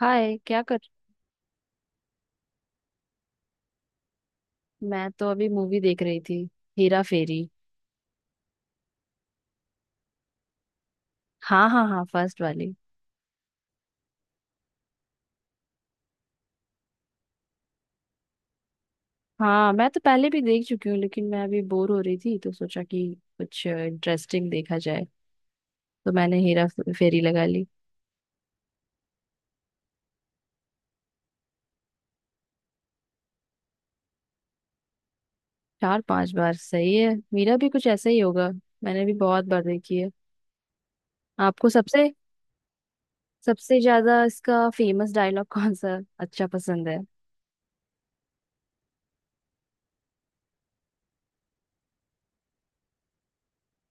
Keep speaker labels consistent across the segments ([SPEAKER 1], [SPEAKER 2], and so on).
[SPEAKER 1] हाय क्या कर। मैं तो अभी मूवी देख रही थी। हेरा फेरी। हाँ, हाँ, हाँ, फर्स्ट वाली। हाँ, मैं तो पहले भी देख चुकी हूँ, लेकिन मैं अभी बोर हो रही थी तो सोचा कि कुछ इंटरेस्टिंग देखा जाए, तो मैंने हेरा फेरी लगा ली। 4-5 बार सही है, मेरा भी कुछ ऐसा ही होगा। मैंने भी बहुत बार देखी है। आपको सबसे सबसे ज्यादा इसका फेमस डायलॉग कौन सा अच्छा पसंद है।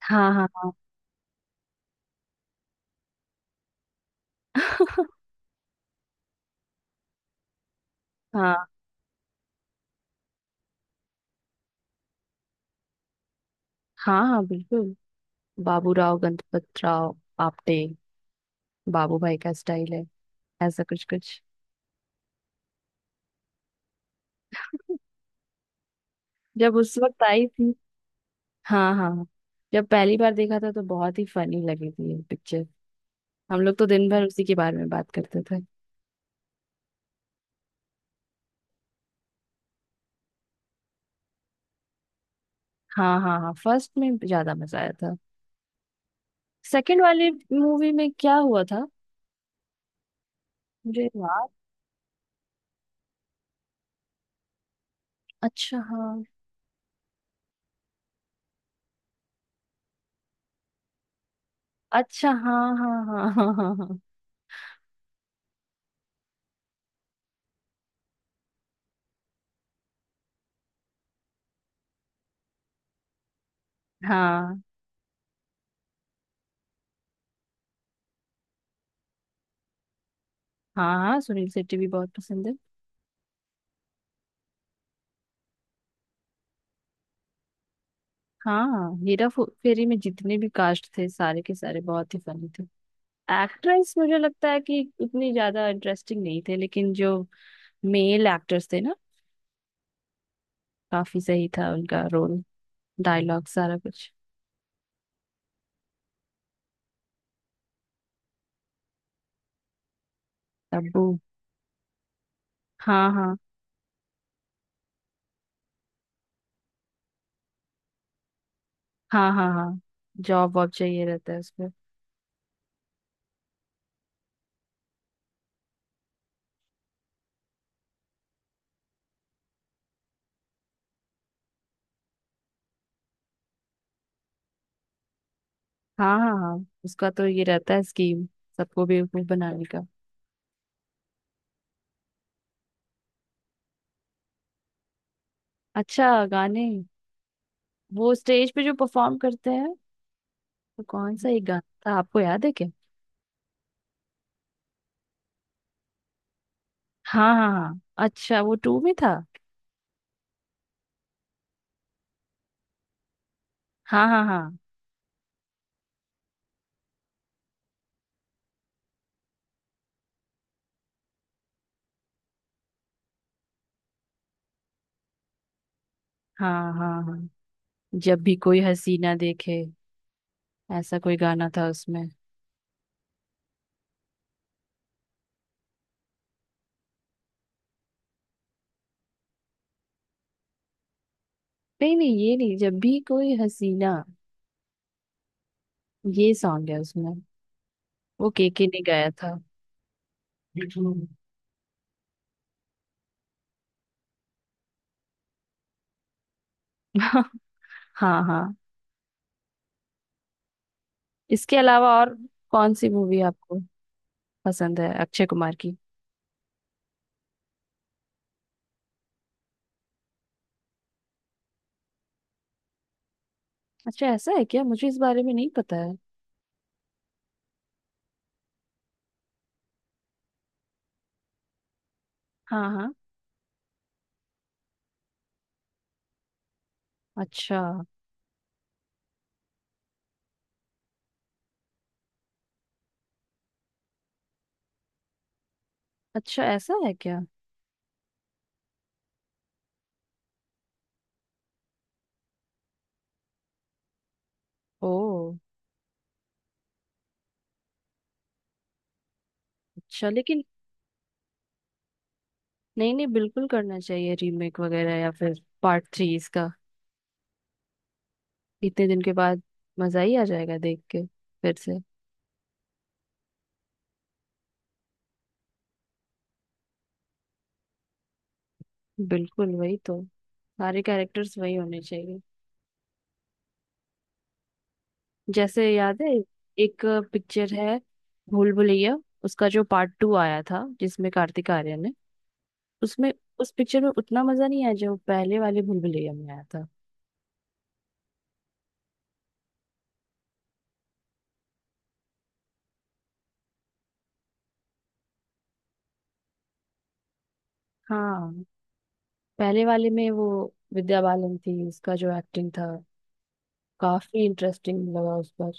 [SPEAKER 1] हाँ, हाँ, हाँ। हाँ, हाँ, हाँ, बिल्कुल। बाबूराव गणपत राव आपटे, बाबू भाई का स्टाइल है, ऐसा कुछ कुछ। जब उस वक्त आई थी। हाँ, हाँ। जब पहली बार देखा था तो बहुत ही फनी लगी थी ये पिक्चर। हम लोग तो दिन भर उसी के बारे में बात करते थे। हाँ, हाँ, हाँ, फर्स्ट में ज्यादा मजा आया था। सेकंड वाली मूवी में क्या हुआ था, मुझे याद। अच्छा हाँ। अच्छा, हाँ, हाँ, हाँ, हाँ, हाँ, हाँ, हाँ। हाँ, हाँ, हाँ, सुनील शेट्टी भी बहुत पसंद है। हाँ, हीरा फेरी में जितने भी कास्ट थे, सारे के सारे बहुत ही फनी थे। एक्ट्रेस मुझे लगता है कि उतनी ज्यादा इंटरेस्टिंग नहीं थे, लेकिन जो मेल एक्टर्स थे ना, काफी सही था उनका रोल, डायलॉग, सारा कुछ। तब्बू। हाँ हाँ, हाँ। हाँ, हाँ। जॉब वॉब चाहिए रहता है उसको। हाँ, हाँ, हाँ। उसका तो ये रहता है स्कीम सबको बेवकूफ बनाने का। अच्छा गाने। वो स्टेज पे जो परफॉर्म करते हैं, वो कौन सा एक गाना था, आपको याद है क्या। हाँ, हाँ, हाँ। अच्छा, वो टू में था। हाँ, हाँ, हाँ, हाँ, हाँ, हाँ। जब भी कोई हसीना देखे, ऐसा कोई गाना था उसमें। नहीं नहीं, ये नहीं, जब भी कोई हसीना ये सॉन्ग है उसमें। वो केके ने गाया था। हाँ, हाँ। इसके अलावा और कौन सी मूवी आपको पसंद है, अक्षय कुमार की। अच्छा ऐसा है क्या, मुझे इस बारे में नहीं पता है। हाँ, हाँ। अच्छा। अच्छा ऐसा है क्या। ओ। अच्छा लेकिन, नहीं नहीं, बिल्कुल करना चाहिए रीमेक वगैरह या फिर पार्ट थ्री इसका, इतने दिन के बाद। मजा ही आ जाएगा देख के, फिर से। बिल्कुल, वही तो। सारे कैरेक्टर्स वही होने चाहिए। जैसे याद है, एक पिक्चर है, भूल भुलैया। उसका जो पार्ट टू आया था, जिसमें कार्तिक आर्यन है, उसमें, उस पिक्चर में उतना मजा नहीं आया जो पहले वाले भूल भुलैया में आया था। हाँ, पहले वाले में वो विद्या बालन थी, उसका जो एक्टिंग था काफी इंटरेस्टिंग लगा उस पर।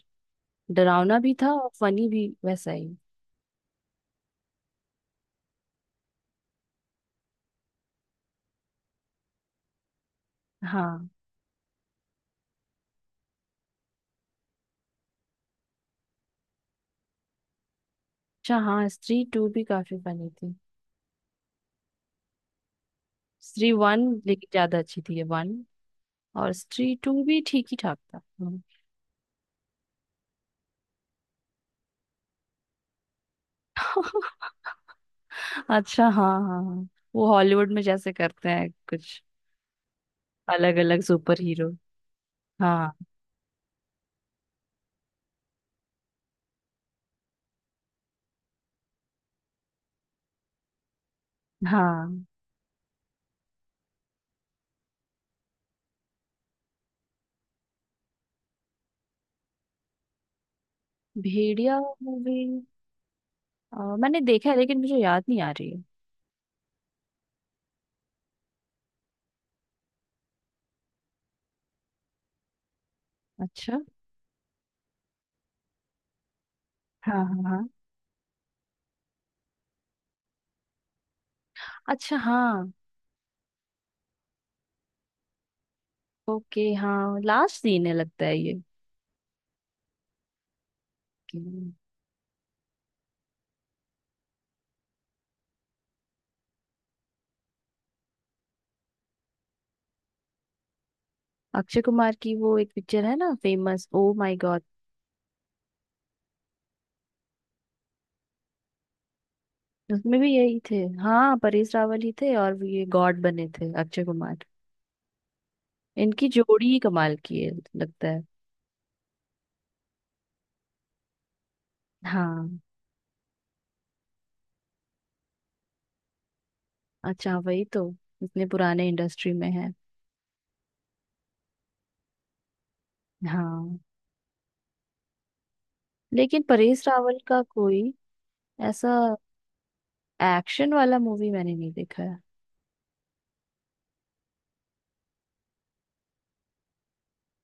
[SPEAKER 1] डरावना भी था और फनी भी वैसा ही। हाँ। अच्छा हाँ, स्त्री टू भी काफी फनी थी। स्त्री वन लेकिन ज्यादा अच्छी थी, ये वन और स्त्री टू भी ठीक ही ठाक था। हम्म। अच्छा, हाँ, हाँ, हाँ। वो हॉलीवुड में जैसे करते हैं कुछ। अलग अलग सुपर हीरो। हाँ। हाँ। भेड़िया मूवी मैंने देखा है, लेकिन मुझे याद नहीं आ रही है। अच्छा, हाँ, हाँ, हाँ। अच्छा हाँ। ओके हाँ, लास्ट सीन है लगता है ये कि। अक्षय कुमार की वो एक पिक्चर है ना फेमस, ओ माय गॉड। उसमें भी यही थे। हाँ, परेश रावल ही थे और ये गॉड बने थे अक्षय कुमार। इनकी जोड़ी ही कमाल की है लगता है। हाँ। अच्छा, वही तो। इतने पुराने इंडस्ट्री में है। हाँ। लेकिन परेश रावल का कोई ऐसा एक्शन वाला मूवी मैंने नहीं देखा है।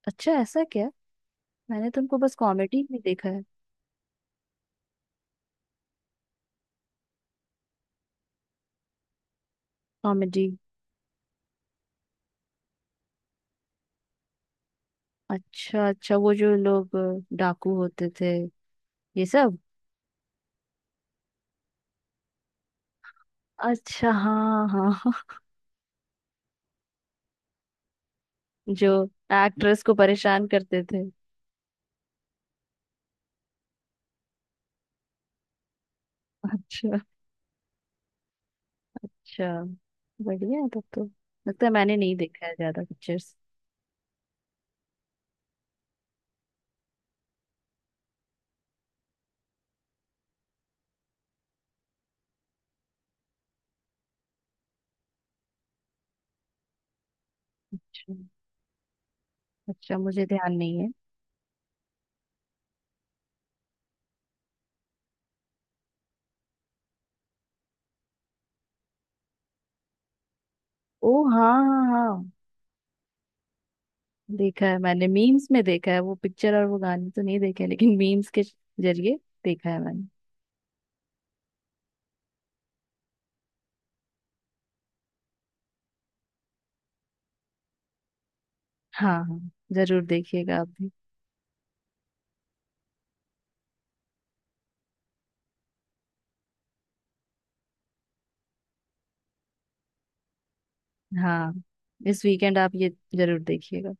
[SPEAKER 1] अच्छा ऐसा क्या। मैंने तुमको बस कॉमेडी में देखा है। कॉमेडी। अच्छा, अच्छा, वो जो लोग डाकू होते थे, ये सब। अच्छा, हाँ, हाँ। जो एक्ट्रेस को परेशान करते थे। अच्छा, अच्छा, बढ़िया है तब तो। लगता है मैंने नहीं देखा है ज्यादा पिक्चर्स। अच्छा, मुझे ध्यान नहीं है। ओ, हाँ, हाँ, हाँ। देखा है मैंने, मीम्स में देखा है वो पिक्चर और वो गाने तो नहीं देखे हैं, लेकिन मीम्स के जरिए देखा है मैंने। हाँ, हाँ। जरूर देखिएगा आप भी। हाँ, इस वीकेंड आप ये जरूर देखिएगा।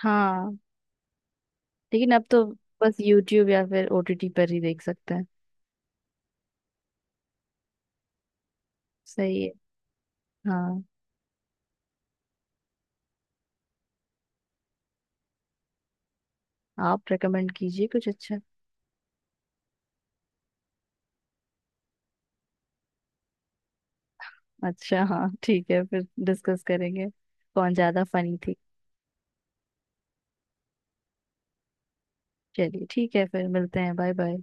[SPEAKER 1] हाँ, लेकिन अब तो बस यूट्यूब या फिर ओटीटी पर ही देख सकते हैं। सही है। हाँ। आप रेकमेंड कीजिए कुछ अच्छा। अच्छा हाँ, ठीक है, फिर डिस्कस करेंगे कौन ज्यादा फनी थी। चलिए ठीक है, फिर मिलते हैं, बाय बाय।